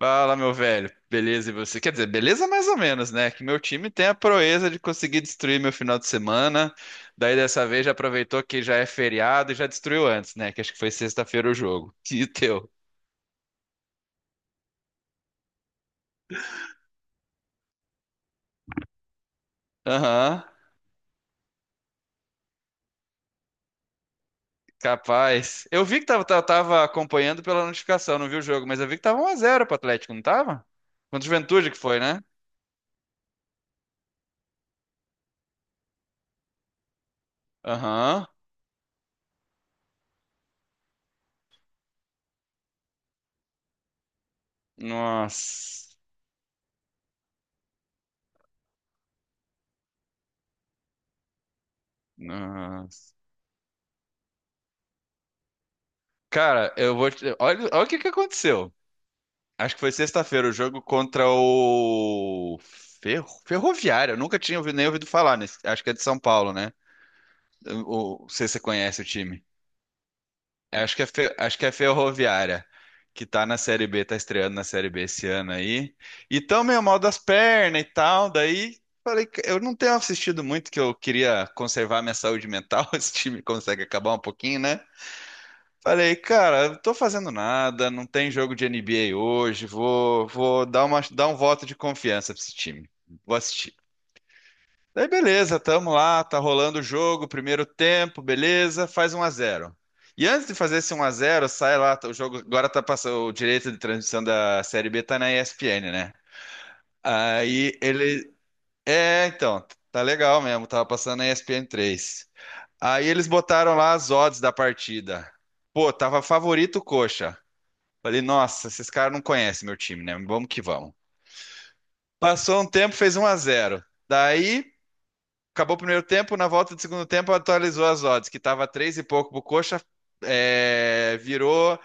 Fala, meu velho. Beleza, e você? Quer dizer, beleza mais ou menos, né? Que meu time tem a proeza de conseguir destruir meu final de semana. Daí dessa vez já aproveitou que já é feriado e já destruiu antes, né? Que acho que foi sexta-feira o jogo. E teu? Aham, capaz. Eu vi que tava acompanhando pela notificação, não vi o jogo, mas eu vi que tava 1-0 pro Atlético, não tava? Contra o Juventude que foi, né? Aham. Nossa. Nossa. Cara, eu vou te... Olha, olha o que que aconteceu. Acho que foi sexta-feira o jogo contra o Ferroviário. Eu nunca tinha ouvido, nem ouvido falar, nesse... acho que é de São Paulo, né? Não sei se você conhece o time. Acho que é Ferroviária, que tá na Série B, tá estreando na Série B esse ano aí. E tão meio mal das pernas e tal, daí falei que eu não tenho assistido muito, que eu queria conservar minha saúde mental, esse time consegue acabar um pouquinho, né? Falei, cara, eu tô fazendo nada, não tem jogo de NBA hoje, vou dar um voto de confiança pra esse time. Vou assistir. Daí beleza, tamo lá, tá rolando o jogo, primeiro tempo, beleza, faz 1-0. E antes de fazer esse 1-0, sai lá, o jogo agora tá passando, o direito de transmissão da Série B tá na ESPN, né? Aí ele, é, então, tá legal mesmo, tava passando na ESPN 3. Aí eles botaram lá as odds da partida. Pô, tava favorito o Coxa. Falei, nossa, esses caras não conhecem meu time, né? Vamos que vamos. Passou um tempo, fez 1-0. Daí, acabou o primeiro tempo, na volta do segundo tempo atualizou as odds, que tava 3 e pouco pro Coxa, é, virou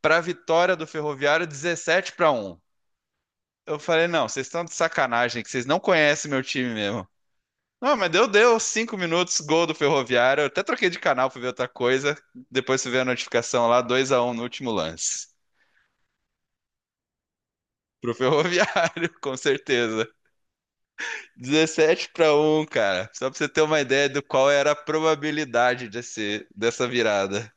pra vitória do Ferroviário 17-1. Eu falei, não, vocês estão de sacanagem, que vocês não conhecem meu time mesmo. Não, mas deu 5 minutos, gol do Ferroviário. Eu até troquei de canal pra ver outra coisa. Depois você vê a notificação lá, 2-1 no último lance. Pro Ferroviário, com certeza. Dezessete para um cara. Só pra você ter uma ideia do qual era a probabilidade dessa virada.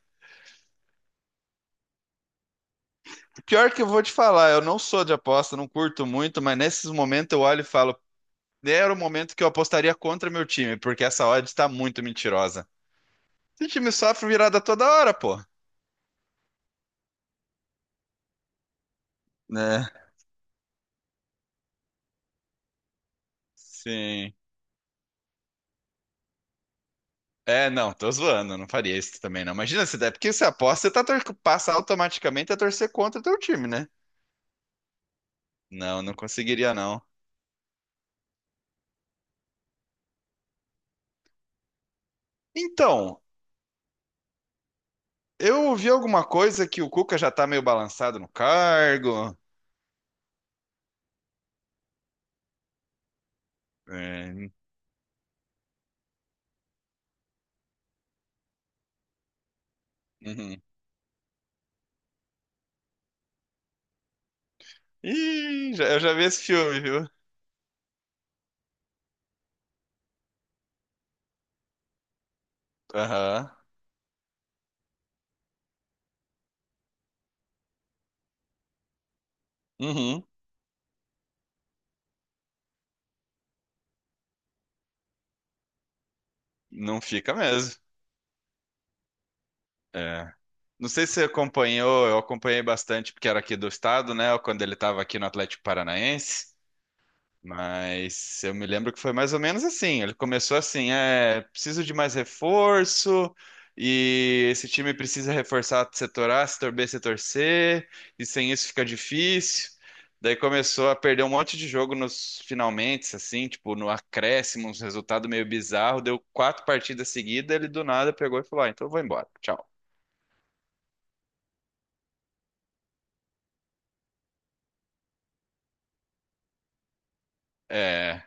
Pior que eu vou te falar, eu não sou de aposta, não curto muito, mas nesses momentos eu olho e falo, era o momento que eu apostaria contra meu time, porque essa odd está muito mentirosa. Esse time sofre virada toda hora, pô. Né? Sim. É, não, tô zoando, não faria isso também, não. Imagina se der, porque você aposta, você passa automaticamente a torcer contra o teu time, né? Não, não conseguiria, não. Então, eu ouvi alguma coisa que o Cuca já tá meio balançado no cargo. É. Uhum. Ih, eu já vi esse filme, viu? Aham. Uhum. Não fica mesmo. É. Não sei se você acompanhou, eu acompanhei bastante porque era aqui do estado, né? Quando ele estava aqui no Atlético Paranaense. Mas eu me lembro que foi mais ou menos assim. Ele começou assim, é, preciso de mais reforço e esse time precisa reforçar setor A, setor B, setor C, e sem isso fica difícil. Daí começou a perder um monte de jogo nos finalmente, assim, tipo, no acréscimo, uns resultado meio bizarro. Deu quatro partidas seguidas, ele do nada pegou e falou: ah, então eu vou embora, tchau. É,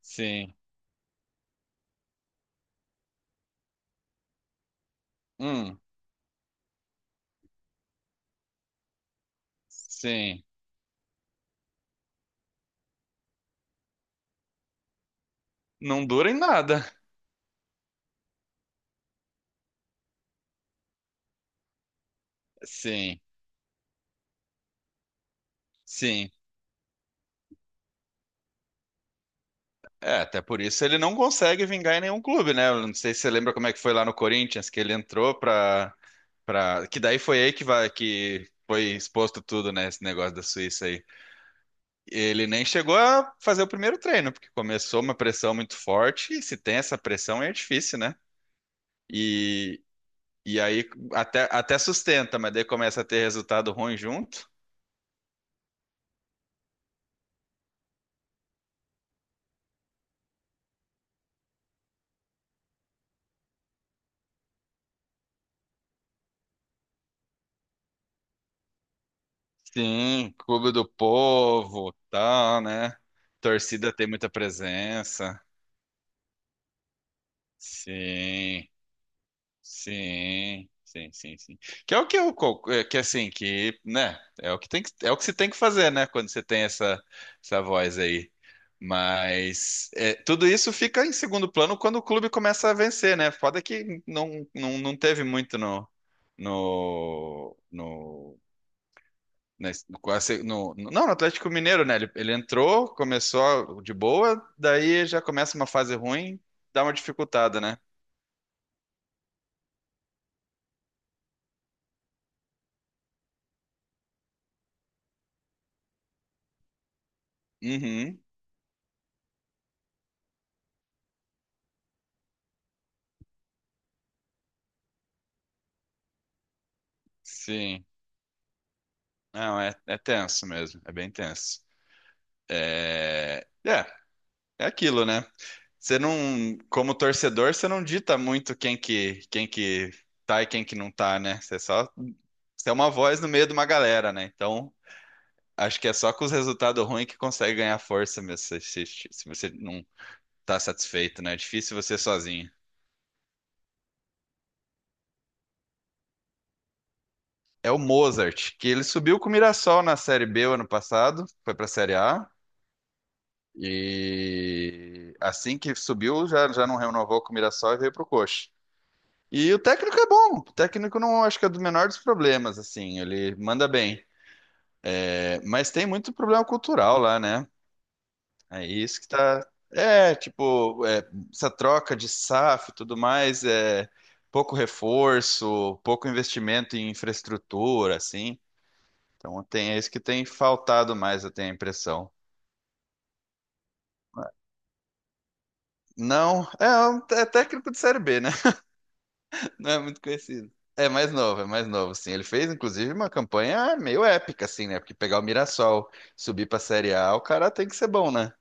sim, hum, sim. Não dura em nada. Sim, sim. É, até por isso ele não consegue vingar em nenhum clube, né? Eu não sei se você lembra como é que foi lá no Corinthians, que ele entrou. Que daí foi aí que, vai, que foi exposto tudo, né? Esse negócio da Suíça aí. Ele nem chegou a fazer o primeiro treino, porque começou uma pressão muito forte, e se tem essa pressão é difícil, né? E, e aí até sustenta, mas daí começa a ter resultado ruim junto. Sim, clube do povo, tal, né? Torcida tem muita presença. Sim. Sim, sim, sim, sim. Que é o que que assim, que, né, é o que tem que, é o que se tem que fazer, né, quando você tem essa voz aí. Mas é, tudo isso fica em segundo plano quando o clube começa a vencer, né? Foda que não teve muito no no no nesse- quase- no, no- não, no Atlético Mineiro, né? Ele entrou, começou de boa, daí já começa uma fase ruim, dá uma dificultada, né? Uhum, sim. Não, é tenso mesmo, é bem tenso. É, é, é aquilo, né? Você não, como torcedor, você não dita muito quem que tá e quem que não tá, né? Você só, você é uma voz no meio de uma galera, né? Então, acho que é só com os resultados ruins que consegue ganhar força mesmo, se você não tá satisfeito, né? É difícil você sozinho. É o Mozart, que ele subiu com o Mirassol na Série B o ano passado, foi pra Série A. E assim que subiu, já não renovou com o Mirassol e veio pro Coxa. E o técnico é bom. O técnico não acho que é do menor dos problemas, assim, ele manda bem. É, mas tem muito problema cultural lá, né? É isso que tá. É, tipo, é, essa troca de SAF e tudo mais, é pouco reforço, pouco investimento em infraestrutura, assim. Então tem é isso que tem faltado mais, eu tenho a impressão. Não, é, é técnico de Série B, né? Não é muito conhecido. É mais novo, sim. Ele fez, inclusive, uma campanha meio épica, assim, né? Porque pegar o Mirassol, subir pra Série A, o cara tem que ser bom, né?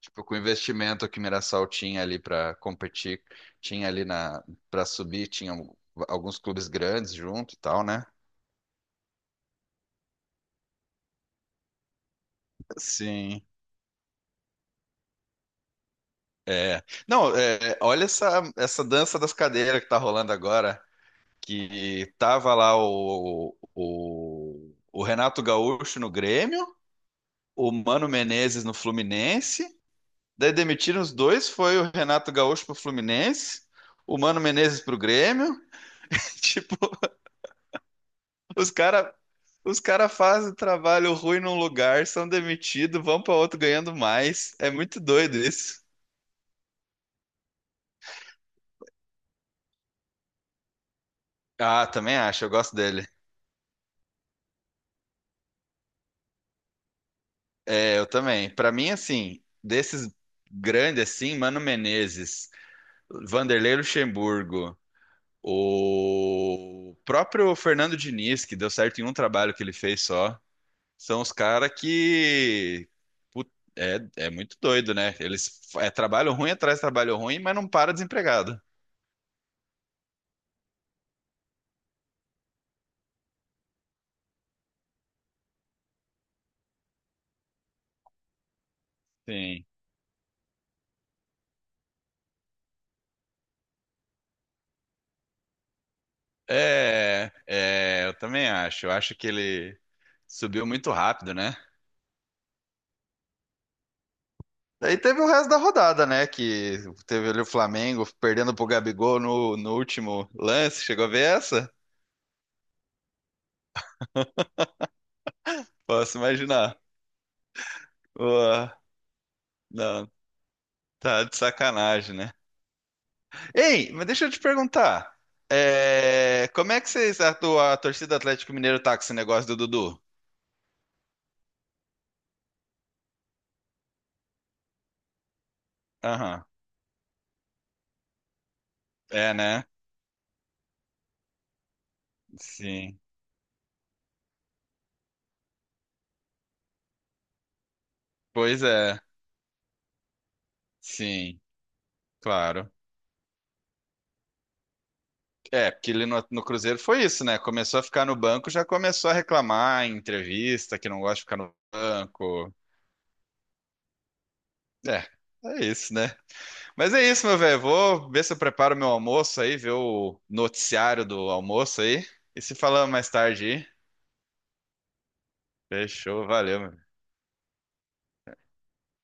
Tipo, com o investimento que o Mirassol tinha ali pra competir, tinha ali na para subir, alguns clubes grandes junto e tal, né? Sim. É. Não, é, olha essa dança das cadeiras que tá rolando agora, que tava lá o Renato Gaúcho no Grêmio, o Mano Menezes no Fluminense. Daí demitiram os dois, foi o Renato Gaúcho pro Fluminense, o Mano Menezes pro Grêmio. Tipo, os cara, os cara fazem trabalho ruim num lugar, são demitidos, vão para outro ganhando mais. É muito doido isso. Ah, também acho, eu gosto dele. É, eu também. Para mim, assim, desses grandes assim, Mano Menezes, Vanderlei Luxemburgo, o próprio Fernando Diniz, que deu certo em um trabalho que ele fez só. São os caras que. put- é, muito doido, né? Eles é trabalho ruim atrás de trabalho ruim, mas não para desempregado. Sim. É eu também acho. Eu acho que ele subiu muito rápido, né? Daí teve o resto da rodada, né? Que teve ali o Flamengo perdendo pro Gabigol no último lance. Chegou a ver essa? Posso imaginar. Ué, não, tá de sacanagem, né? Ei, mas deixa eu te perguntar. É, como é que vocês, a torcida do Atlético Mineiro tá com esse negócio do Dudu? Aham. É, né? Sim. Pois é. Sim, claro. É, porque ele no Cruzeiro foi isso, né? Começou a ficar no banco, já começou a reclamar em entrevista que não gosta de ficar no banco. É, é isso, né? Mas é isso, meu velho. Vou ver se eu preparo meu almoço aí, ver o noticiário do almoço aí. E se falamos mais tarde aí. Fechou, valeu, meu